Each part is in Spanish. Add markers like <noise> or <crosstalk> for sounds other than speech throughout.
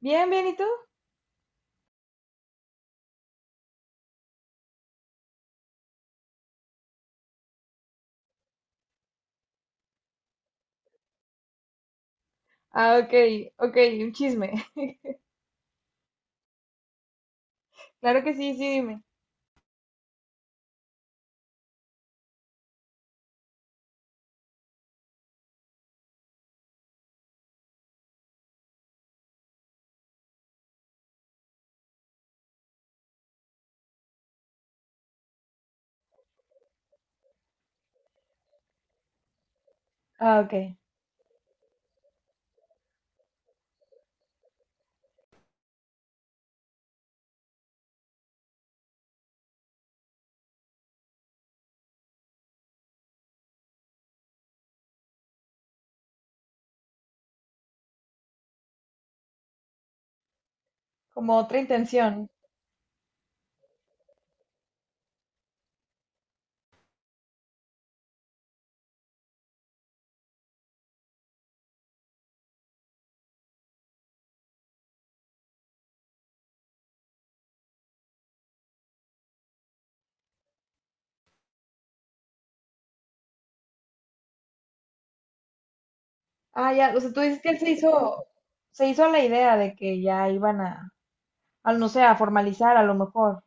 Bien, bien, ¿y tú? Ah, ok, ok, un chisme. <laughs> Claro que sí, sí, dime. Ah, ok, como otra intención. Ah, ya, o sea, tú dices que él se hizo la idea de que ya iban a, al no sé, a formalizar a lo mejor.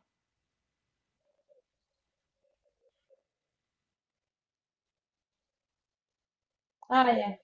Ah, ya,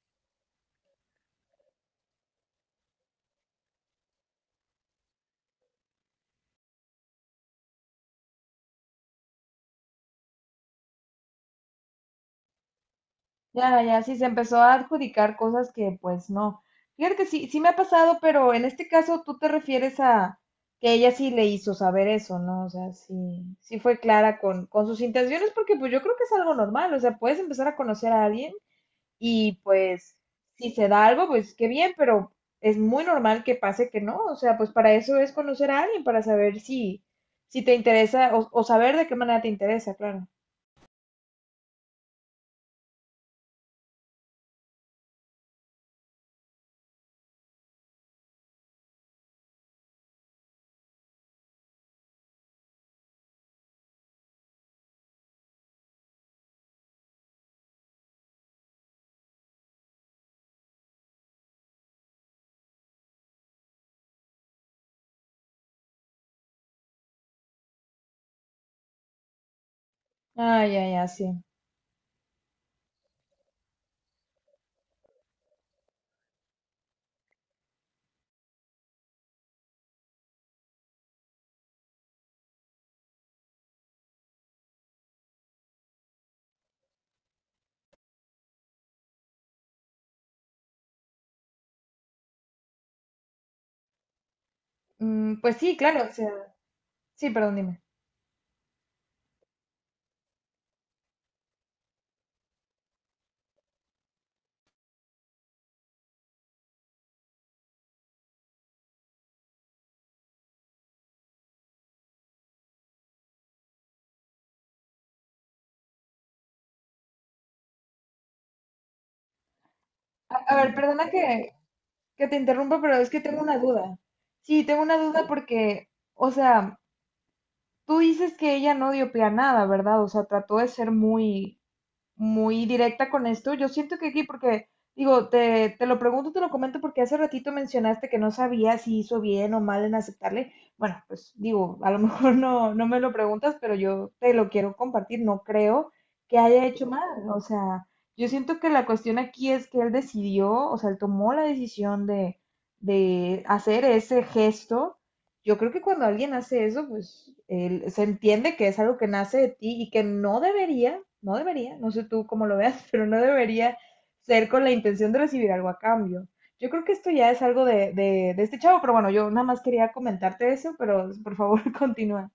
ya, ya, sí, se empezó a adjudicar cosas que pues no. Fíjate que sí, sí me ha pasado, pero en este caso tú te refieres a que ella sí le hizo saber eso, ¿no? O sea, sí, sí fue clara con sus intenciones, porque pues yo creo que es algo normal, o sea, puedes empezar a conocer a alguien. Y pues, si se da algo, pues qué bien, pero es muy normal que pase que no. O sea, pues para eso es conocer a alguien, para saber si, si te interesa o saber de qué manera te interesa, claro. Ah, ya, ya, sí. Mm, pues sí, claro, o sea, sí, perdón, dime. A ver, perdona que te interrumpa, pero es que tengo una duda. Sí, tengo una duda porque, o sea, tú dices que ella no dio pie a nada, ¿verdad? O sea, trató de ser muy, muy directa con esto. Yo siento que aquí, porque digo, te lo pregunto, te lo comento, porque hace ratito mencionaste que no sabía si hizo bien o mal en aceptarle. Bueno, pues digo, a lo <laughs> mejor no, no me lo preguntas, pero yo te lo quiero compartir. No creo que haya hecho mal. O sea, yo siento que la cuestión aquí es que él decidió, o sea, él tomó la decisión de hacer ese gesto. Yo creo que cuando alguien hace eso, pues se entiende que es algo que nace de ti y que no debería, no debería, no sé tú cómo lo veas, <laughs> pero no debería ser con la intención de recibir algo a cambio. Yo creo que esto ya es algo de este chavo, pero bueno, yo nada más quería comentarte eso, pero por favor <laughs> continúa.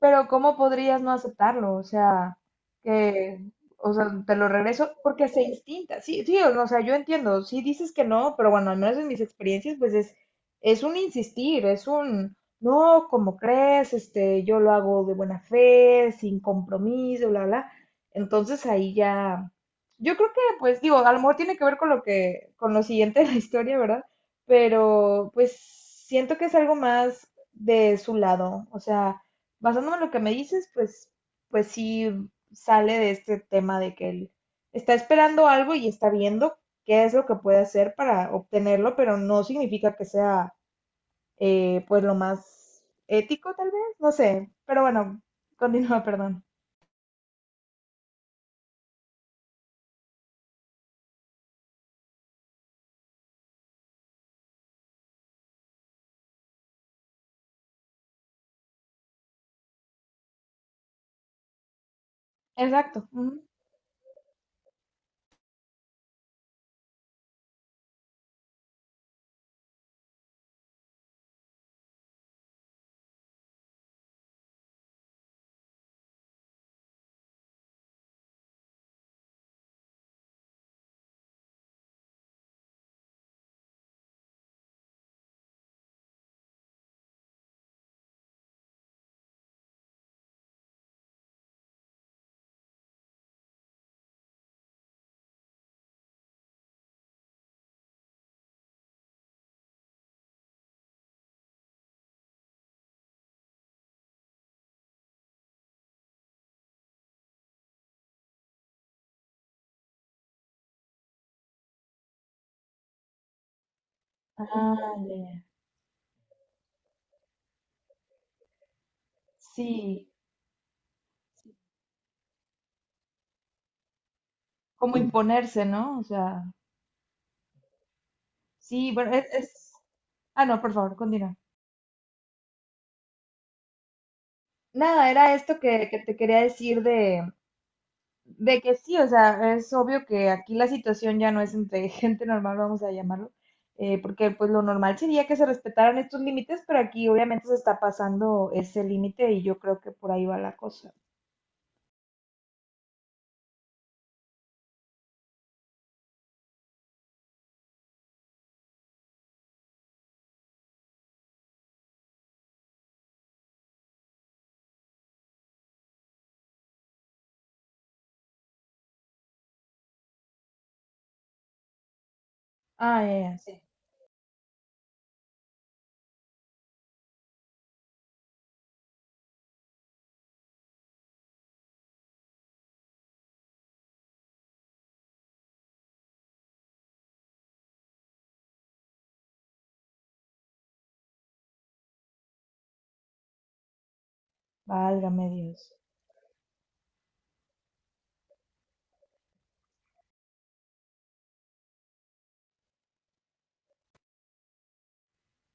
Pero ¿cómo podrías no aceptarlo? O sea, que, o sea, te lo regreso porque se instinta. Sí, sí, o sea, yo entiendo. Sí dices que no, pero bueno, al menos en mis experiencias, pues es un insistir, es un, no, como crees? Este, yo lo hago de buena fe, sin compromiso, bla, bla. Entonces ahí ya, yo creo que, pues digo, a lo mejor tiene que ver con lo que, con lo siguiente de la historia, ¿verdad? Pero pues siento que es algo más de su lado. O sea, basándome en lo que me dices, pues, pues sí sale de este tema de que él está esperando algo y está viendo qué es lo que puede hacer para obtenerlo, pero no significa que sea pues lo más ético tal vez, no sé, pero bueno, continúa, perdón. Exacto. Ujú. Ah, ya, ya. Sí, como imponerse, ¿no? O sea, sí, bueno, es, Ah, no, por favor, continúa. Nada, era esto que te quería decir de que sí, o sea, es obvio que aquí la situación ya no es entre <laughs> gente normal, vamos a llamarlo, porque pues lo normal sería que se respetaran estos límites, pero aquí obviamente se está pasando ese límite y yo creo que por ahí va la cosa. Ah, ya, ya, sí, válgame Dios.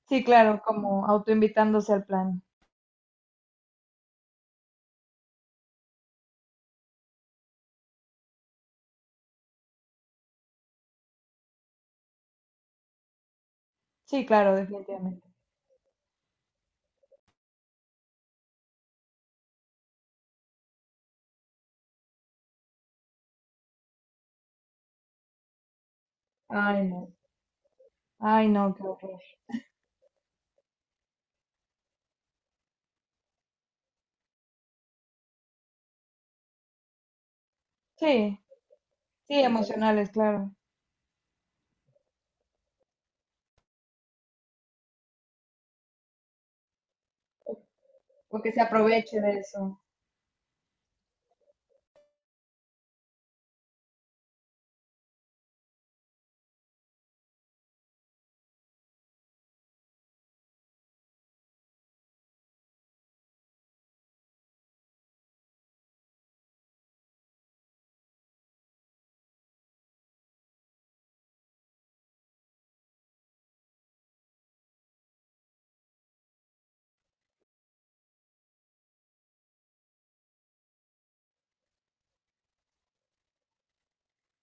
Sí, claro, como autoinvitándose al plan. Sí, claro, definitivamente. Ay, no. Ay, no, qué horror. Sí, sí, emocionales, claro. Porque se aproveche de eso.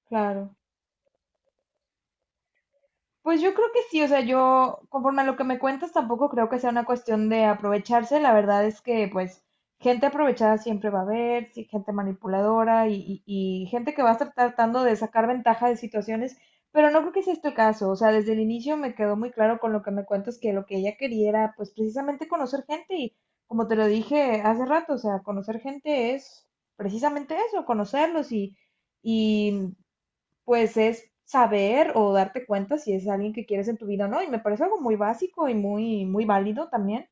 Claro. Pues yo creo que sí, o sea, yo conforme a lo que me cuentas tampoco creo que sea una cuestión de aprovecharse, la verdad es que pues gente aprovechada siempre va a haber, sí, gente manipuladora y gente que va a estar tratando de sacar ventaja de situaciones, pero no creo que sea este el caso, o sea, desde el inicio me quedó muy claro con lo que me cuentas que lo que ella quería era pues precisamente conocer gente y como te lo dije hace rato, o sea, conocer gente es precisamente eso, conocerlos y... Y pues es saber o darte cuenta si es alguien que quieres en tu vida o no. Y me parece algo muy básico y muy, muy válido también.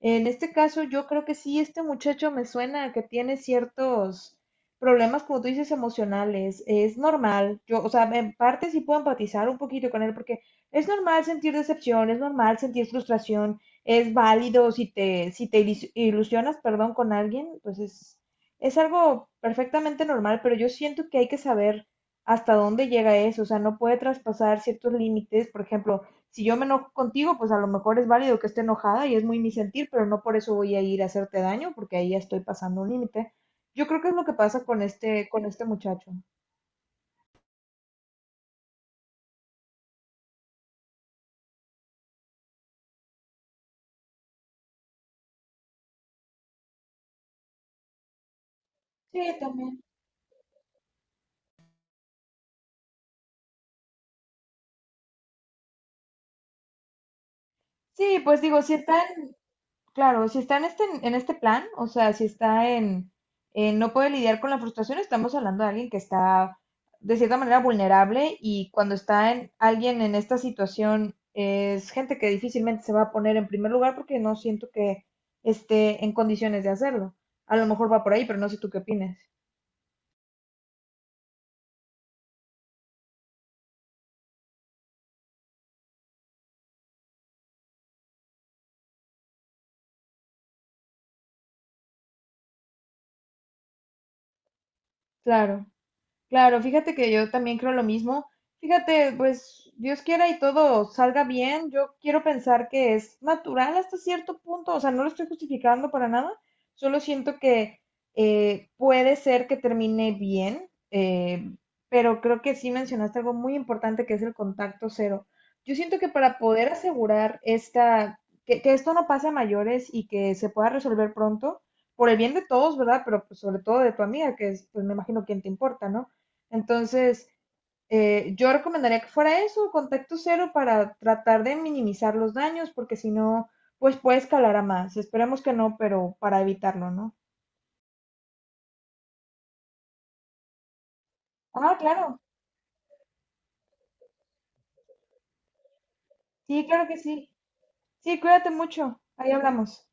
En este caso, yo creo que sí, este muchacho me suena a que tiene ciertos problemas, como tú dices, emocionales. Es normal. Yo, o sea, en parte sí puedo empatizar un poquito con él porque es normal sentir decepción, es normal sentir frustración, es válido si te, si te ilusionas, perdón, con alguien, pues es algo perfectamente normal, pero yo siento que hay que saber hasta dónde llega eso, o sea, no puede traspasar ciertos límites, por ejemplo, si yo me enojo contigo, pues a lo mejor es válido que esté enojada y es muy mi sentir, pero no por eso voy a ir a hacerte daño, porque ahí ya estoy pasando un límite. Yo creo que es lo que pasa con este muchacho. Sí, también. Sí, pues digo, si está... Claro, si está en este plan, o sea, si está en no puede lidiar con la frustración, estamos hablando de alguien que está de cierta manera vulnerable y cuando está en alguien en esta situación es gente que difícilmente se va a poner en primer lugar porque no siento que esté en condiciones de hacerlo. A lo mejor va por ahí, pero no sé tú qué opinas. Claro. Claro, fíjate que yo también creo lo mismo. Fíjate, pues Dios quiera y todo salga bien. Yo quiero pensar que es natural hasta cierto punto, o sea, no lo estoy justificando para nada. Solo siento que puede ser que termine bien, pero creo que sí mencionaste algo muy importante que es el contacto cero. Yo siento que para poder asegurar esta, que esto no pase a mayores y que se pueda resolver pronto, por el bien de todos, ¿verdad? Pero pues, sobre todo de tu amiga, que es, pues me imagino, quien te importa, ¿no? Entonces, yo recomendaría que fuera eso, contacto cero para tratar de minimizar los daños, porque si no, pues puede escalar a más. Esperemos que no, pero para evitarlo, ¿no? Ah, claro. Sí, claro que sí. Sí, cuídate mucho. Ahí hablamos.